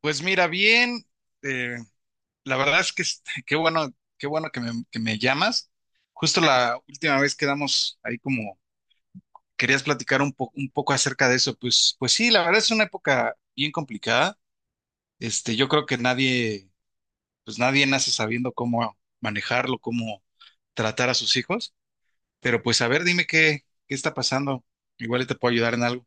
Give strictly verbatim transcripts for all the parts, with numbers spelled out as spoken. Pues mira, bien, eh, la verdad es que es- qué bueno, qué bueno que me, que me llamas. Justo la última vez quedamos ahí como querías platicar un po- un poco acerca de eso. Pues, pues sí, la verdad es una época bien complicada. Este, yo creo que nadie, pues nadie nace sabiendo cómo manejarlo, cómo tratar a sus hijos. Pero pues a ver, dime qué, qué está pasando. Igual y te puedo ayudar en algo.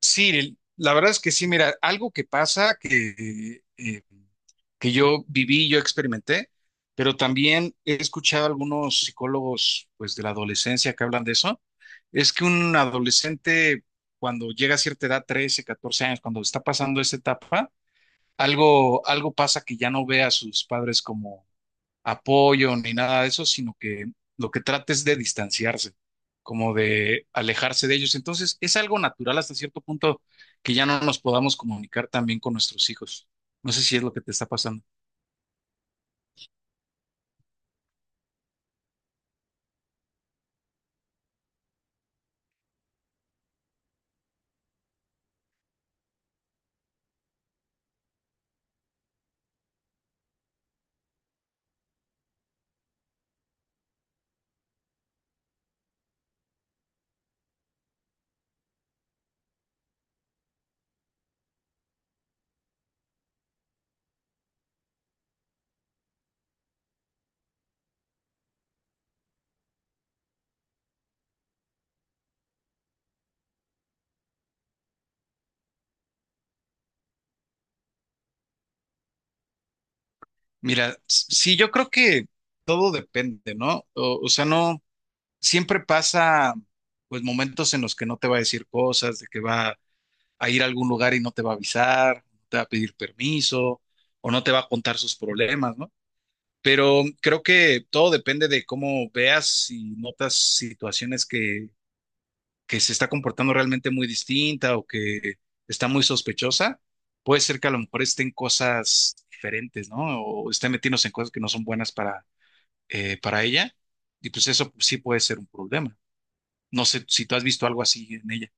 Sí, la verdad es que sí, mira, algo que pasa que eh, que yo viví, yo experimenté, pero también he escuchado algunos psicólogos, pues, de la adolescencia que hablan de eso, es que un adolescente cuando llega a cierta edad, trece catorce años, cuando está pasando esa etapa, algo, algo pasa que ya no ve a sus padres como apoyo ni nada de eso, sino que lo que trata es de distanciarse, como de alejarse de ellos. Entonces, es algo natural hasta cierto punto que ya no nos podamos comunicar también con nuestros hijos. No sé si es lo que te está pasando. Mira, s- sí, yo creo que todo depende, ¿no? O, o sea, no, siempre pasa, pues, momentos en los que no te va a decir cosas, de que va a ir a algún lugar y no te va a avisar, no te va a pedir permiso, o no te va a contar sus problemas, ¿no? Pero creo que todo depende de cómo veas y notas situaciones que, que se está comportando realmente muy distinta o que está muy sospechosa. Puede ser que a lo mejor estén cosas diferentes, ¿no? O estén metiéndose en cosas que no son buenas para eh, para ella, y pues eso sí puede ser un problema. No sé si tú has visto algo así en ella,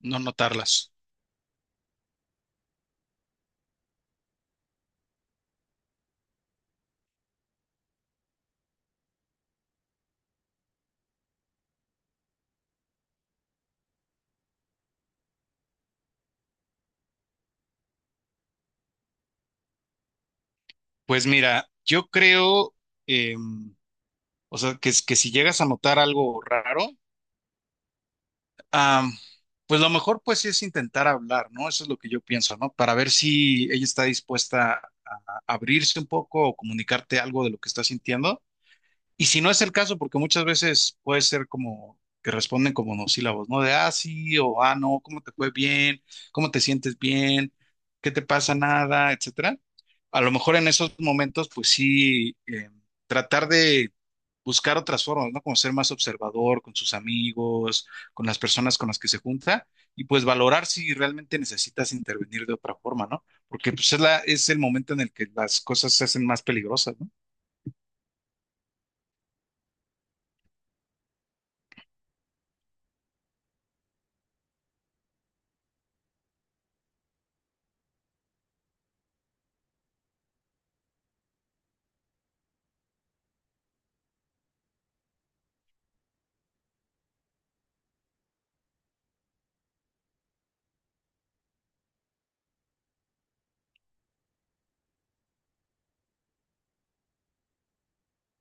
no notarlas. Pues mira, yo creo, eh, o sea, que, que si llegas a notar algo raro, ah, pues lo mejor pues es intentar hablar, ¿no? Eso es lo que yo pienso, ¿no? Para ver si ella está dispuesta a abrirse un poco o comunicarte algo de lo que está sintiendo. Y si no es el caso, porque muchas veces puede ser como que responden como monosílabos, ¿no? De ah, sí, o ah, no, ¿cómo te fue bien? ¿Cómo te sientes bien? ¿Qué te pasa? Nada, etcétera. A lo mejor en esos momentos, pues sí, eh, tratar de buscar otras formas, ¿no? Como ser más observador con sus amigos, con las personas con las que se junta, y pues valorar si realmente necesitas intervenir de otra forma, ¿no? Porque pues es la, es el momento en el que las cosas se hacen más peligrosas, ¿no?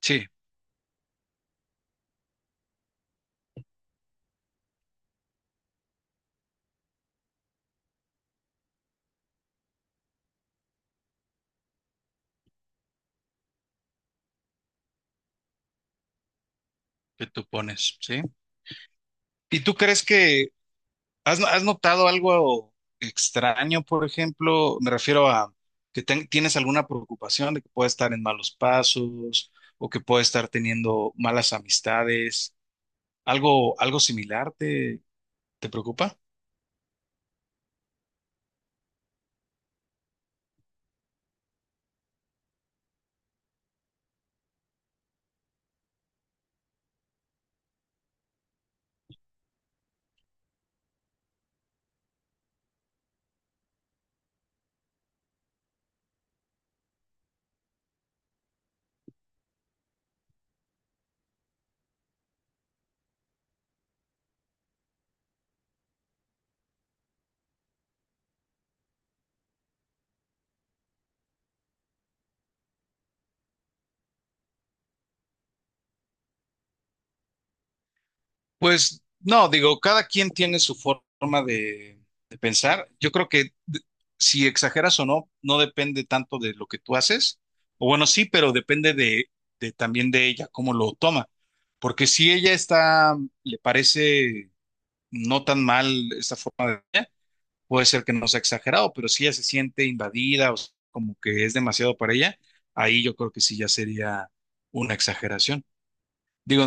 Sí, que tú pones, ¿sí? ¿Y tú crees que has, has notado algo extraño, por ejemplo? Me refiero a que ten- tienes alguna preocupación de que pueda estar en malos pasos o que pueda estar teniendo malas amistades. ¿Algo, algo similar te, te preocupa? Pues no, digo, cada quien tiene su forma de, de pensar. Yo creo que d- si exageras o no, no depende tanto de lo que tú haces. O bueno, sí, pero depende de, de también de ella, cómo lo toma. Porque si ella está, le parece no tan mal esta forma de ella, puede ser que no sea exagerado, pero si ella se siente invadida o como que es demasiado para ella, ahí yo creo que sí ya sería una exageración. Digo,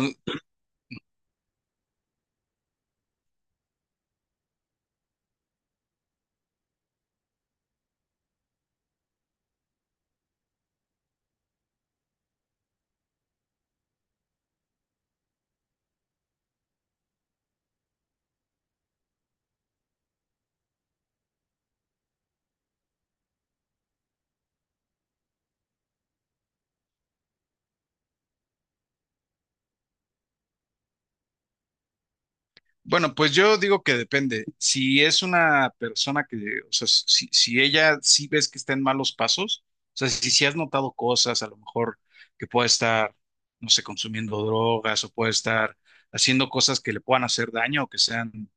bueno, pues yo digo que depende. Si es una persona que, o sea, si, si ella sí ves que está en malos pasos, o sea, si, si has notado cosas, a lo mejor que pueda estar, no sé, consumiendo drogas o puede estar haciendo cosas que le puedan hacer daño o que sean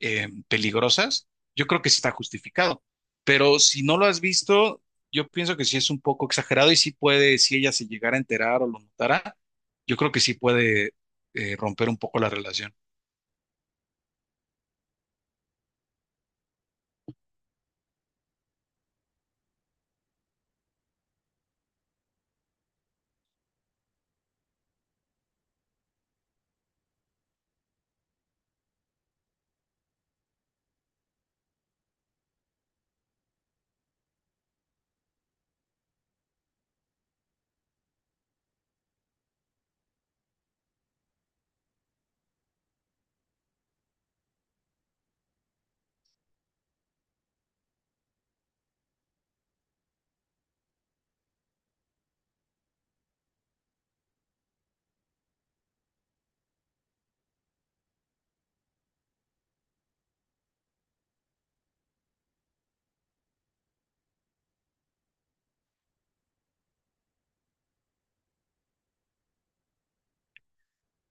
eh, peligrosas, yo creo que sí está justificado. Pero si no lo has visto, yo pienso que sí es un poco exagerado y sí puede, si ella se llegara a enterar o lo notara, yo creo que sí puede eh, romper un poco la relación.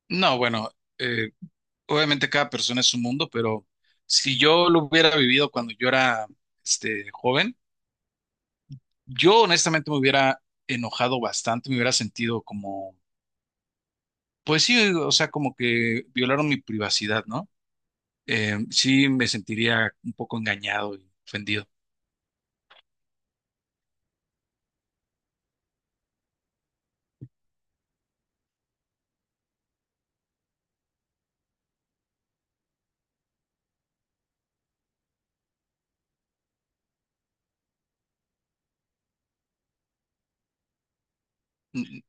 No, bueno, eh, obviamente cada persona es un mundo, pero si yo lo hubiera vivido cuando yo era este, joven, yo honestamente me hubiera enojado bastante, me hubiera sentido como, pues sí, o sea, como que violaron mi privacidad, ¿no? Eh, sí, me sentiría un poco engañado y ofendido. Mm, mm,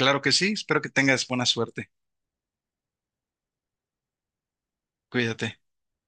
Claro que sí, espero que tengas buena suerte. Cuídate.